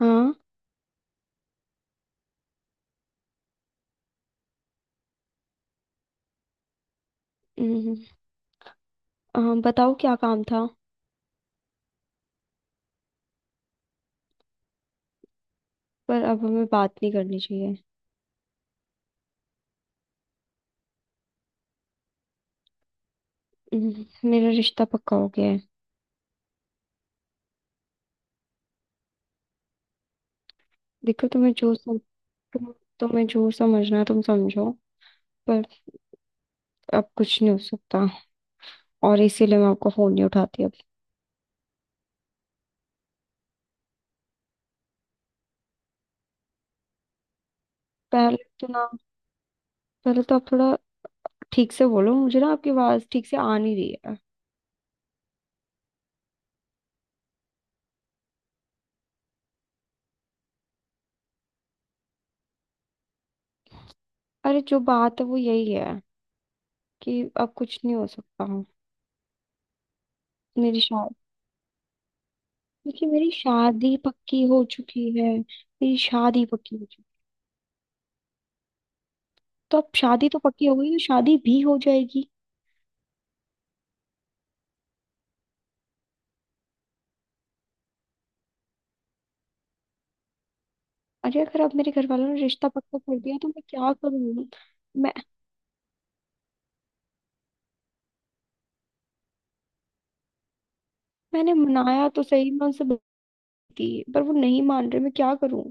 हाँ। हम्म, हाँ, बताओ क्या काम था। पर अब हमें बात नहीं करनी चाहिए। मेरा रिश्ता पक्का हो गया है। देखो, तुम, तुम्हें जो समझना है तुम समझो, पर अब कुछ नहीं हो सकता, और इसीलिए मैं आपका फोन नहीं उठाती अब। पहले तो ना पहले तो आप थोड़ा ठीक से बोलो, मुझे ना आपकी आवाज ठीक से आ नहीं रही है। अरे जो बात है वो यही है कि अब कुछ नहीं हो सकता। मेरी शादी क्योंकि मेरी शादी पक्की हो चुकी है। मेरी शादी पक्की हो तो अब शादी तो पक्की हो गई है, शादी भी हो जाएगी। अरे अगर अब मेरे घर वालों ने रिश्ता पक्का कर दिया तो मैं क्या करूँ। मैं मैंने मनाया तो सही, मैं उनसे बोलती पर वो नहीं मान रहे, मैं क्या करूँ।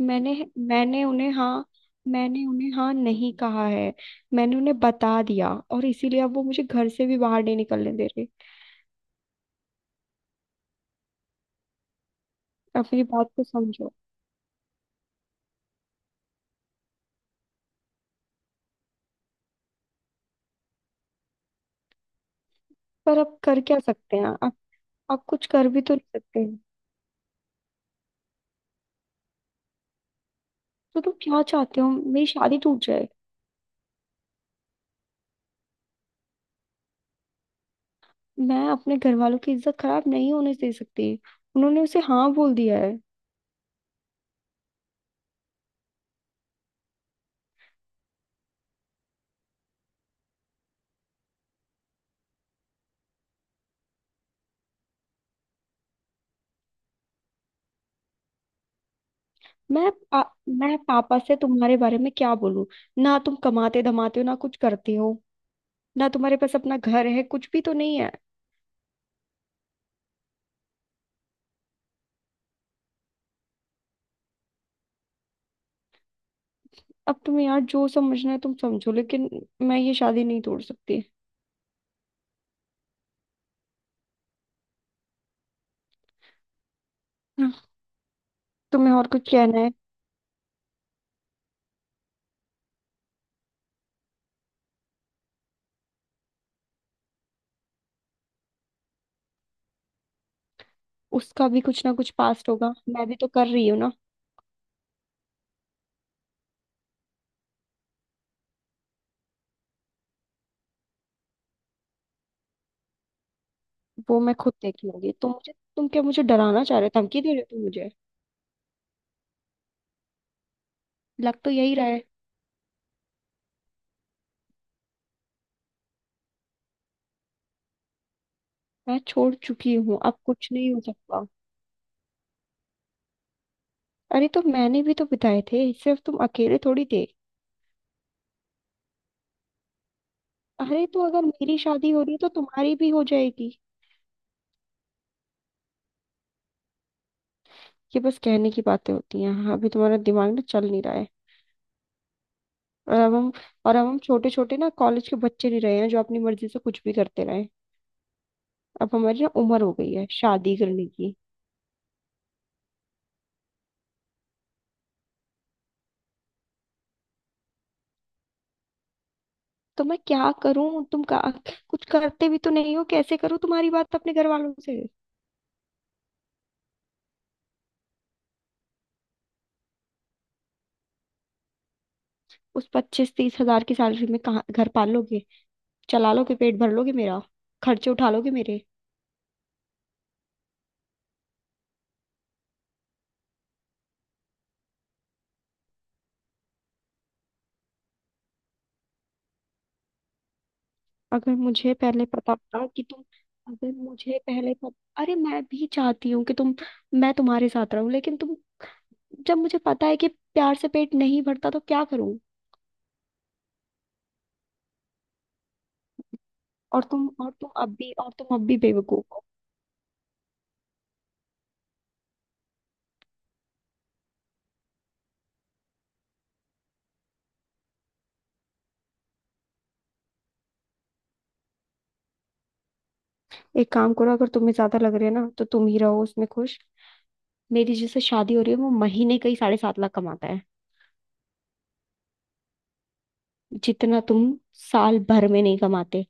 मैंने मैंने उन्हें हाँ मैंने उन्हें हाँ नहीं कहा है। मैंने उन्हें बता दिया, और इसीलिए अब वो मुझे घर से भी बाहर नहीं निकलने दे रहे। अब मेरी बात को समझो। पर अब कर क्या सकते हैं अब, आप कुछ कर भी तो नहीं सकते। तो तुम क्या चाहते हो, मेरी शादी टूट जाए? मैं अपने घर वालों की इज्जत खराब नहीं होने दे सकती, उन्होंने उसे हाँ बोल दिया है। मैं पा, मैं पापा से तुम्हारे बारे में क्या बोलूं? ना तुम कमाते धमाते हो, ना कुछ करते हो, ना तुम्हारे पास अपना घर है, कुछ भी तो नहीं है। अब तुम्हें यार जो समझना है तुम समझो, लेकिन मैं ये शादी नहीं तोड़ सकती। हाँ, तुम्हें और कुछ कहना है? उसका भी कुछ ना कुछ पास्ट होगा, मैं भी तो कर रही हूँ ना। वो मैं खुद देख लूंगी, तुम मुझे, तुम क्या मुझे डराना चाह रहे हो, धमकी दे रहे हो तुम मुझे? लग तो यही रहा है। मैं छोड़ चुकी हूँ, अब कुछ नहीं हो सकता। अरे तो मैंने भी तो बिताए थे, सिर्फ तुम अकेले थोड़ी थे। अरे तो अगर मेरी शादी हो रही है तो तुम्हारी भी हो जाएगी। ये बस कहने की बातें होती हैं, हाँ, अभी तुम्हारा दिमाग ना चल नहीं रहा है। और अब हम और अब हम छोटे छोटे ना कॉलेज के बच्चे नहीं रहे हैं जो अपनी मर्जी से कुछ भी करते रहे। अब हमारी ना उम्र हो गई है शादी करने की। तो मैं क्या करूं, तुम का कुछ करते भी तो नहीं हो, कैसे करूं तुम्हारी बात अपने घर वालों से? उस 25-30 हजार की सैलरी में कहाँ घर पाल लोगे, चला लोगे, पेट भर लोगे मेरा, खर्चे उठा लोगे मेरे? अगर मुझे पहले पता होता कि तुम अगर मुझे पहले पता, अरे मैं भी चाहती हूँ कि तुम, मैं तुम्हारे साथ रहूं, लेकिन तुम, जब मुझे पता है कि प्यार से पेट नहीं भरता तो क्या करूं। और तुम अब भी बेवकूफ हो। एक काम करो, अगर तुम्हें ज्यादा लग रहा है ना तो तुम ही रहो उसमें खुश। मेरी जिससे शादी हो रही है वो महीने का ही 7.5 लाख कमाता है, जितना तुम साल भर में नहीं कमाते।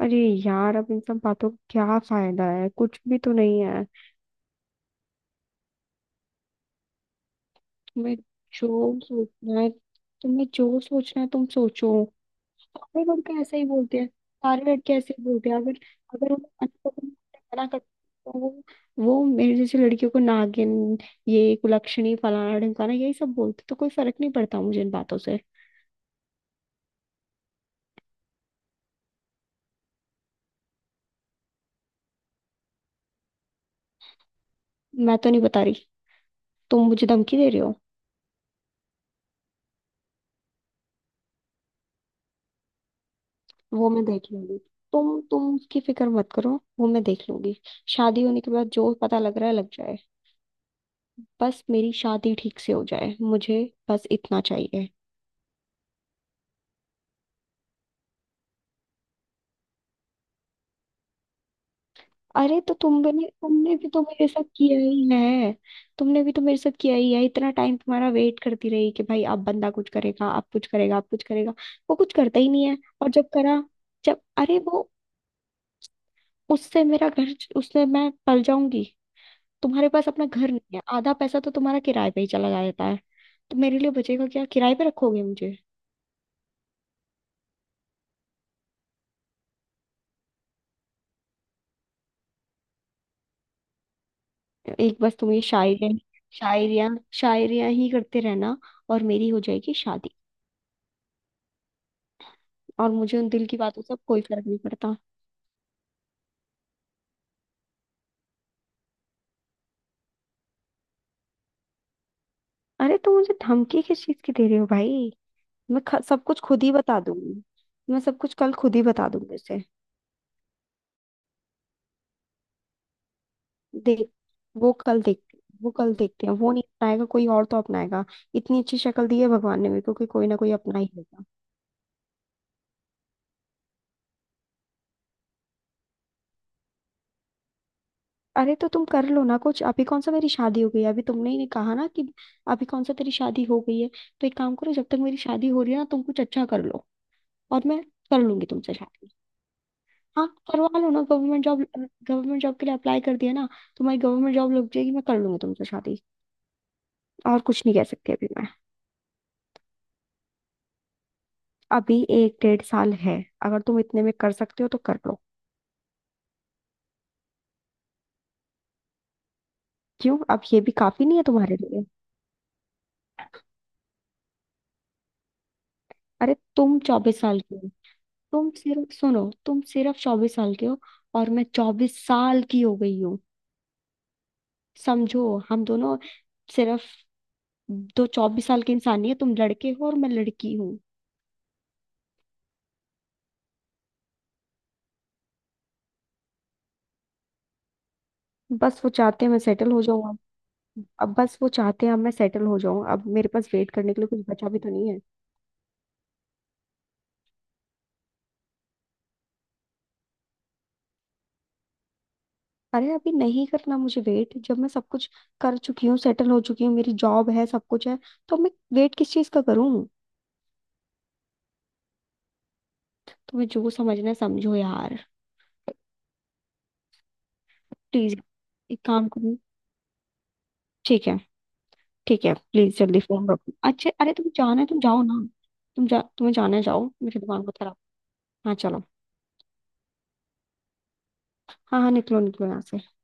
अरे यार, अब इन सब बातों का क्या फायदा है, कुछ भी तो नहीं है। तुम्हें जो सोचना है तुम्हें जो सोचना है तुम सोचो। सारे लड़के ऐसा ही बोलते हैं सारे लड़के ऐसे ही बोलते हैं, अगर अगर उन्हें अनपसंद है, मना करते हैं, तो वो मेरे जैसी लड़कियों को नागिन, ये कुलक्षणी, फलाना ढिमकाना, यही सब बोलते हैं, तो कोई फर्क नहीं पड़ता मुझे इन बातों से। मैं तो नहीं बता रही, तुम मुझे धमकी दे रहे हो? वो मैं देख लूंगी, तुम उसकी फिक्र मत करो, वो मैं देख लूंगी। शादी होने के बाद जो पता लग रहा है लग जाए, बस मेरी शादी ठीक से हो जाए, मुझे बस इतना चाहिए। अरे तो तुम भी तुमने भी तो मेरे साथ किया ही है, तुमने भी तो मेरे साथ किया ही है। इतना टाइम तुम्हारा वेट करती रही कि भाई अब बंदा कुछ करेगा, अब कुछ करेगा, अब कुछ करेगा, वो कुछ करता ही नहीं है। और जब करा, जब, अरे वो, उससे मेरा घर, उससे मैं पल जाऊंगी। तुम्हारे पास अपना घर नहीं है, आधा पैसा तो तुम्हारा किराए पे ही चला जाता है, तो मेरे लिए बचेगा क्या, किराए पे रखोगे मुझे? एक बस तुम ये शायरी शायरियां शायरियां ही करते रहना, और मेरी हो जाएगी शादी। और मुझे उन दिल की बातों से अब कोई फर्क नहीं पड़ता। अरे तुम मुझे धमकी किस चीज की दे रहे हो भाई? सब कुछ खुद ही बता दूंगी, मैं सब कुछ कल खुद ही बता दूंगी उसे। देख देख, वो कल देखते हैं, वो नहीं अपनाएगा कोई और तो अपनाएगा। इतनी अच्छी शक्ल दी है भगवान ने मेरे को कि कोई ना कोई अपना ही लेगा। अरे तो तुम कर लो ना कुछ, अभी कौन सा मेरी शादी हो गई है, अभी तुमने ही कहा ना कि अभी कौन सा तेरी शादी हो गई है। तो एक काम करो, जब तक मेरी शादी हो रही है ना, तुम कुछ अच्छा कर लो, और मैं कर लूंगी तुमसे शादी। हाँ, करवा लो ना गवर्नमेंट जॉब, गवर्नमेंट जॉब के लिए अप्लाई कर दिया ना, तुम्हारी गवर्नमेंट जॉब लग जाएगी, मैं कर लूंगी तुमसे शादी। और कुछ नहीं कह सकती अभी मैं। अभी 1-1.5 साल है, अगर तुम इतने में कर सकते हो तो कर लो। क्यों, अब ये भी काफी नहीं है तुम्हारे लिए? अरे तुम 24 साल की हो, तुम सिर्फ सुनो, तुम सिर्फ 24 साल के हो, और मैं 24 साल की हो गई हूँ। समझो, हम दोनों सिर्फ दो 24 साल के इंसान ही है, तुम लड़के हो और मैं लड़की हूँ। बस वो चाहते हैं मैं सेटल हो जाऊँ, अब बस वो चाहते हैं अब मैं सेटल हो जाऊं, अब मेरे पास वेट करने के लिए कुछ बचा भी तो नहीं है। अरे अभी नहीं करना मुझे वेट, जब मैं सब कुछ कर चुकी हूँ, सेटल हो चुकी हूँ, मेरी जॉब है, सब कुछ है, तो मैं वेट किस चीज का करूँ? तुम्हें जो समझना है समझो यार। प्लीज एक काम करो, ठीक है, ठीक है, प्लीज जल्दी फोन रखो। अच्छा, अरे तुम जाना है तुम जाओ ना, तुम जा, तुम्हें जाना है जाओ, मेरे दिमाग को खराब। हाँ चलो। हाँ, हाँ, निकलो निकलो यहाँ से।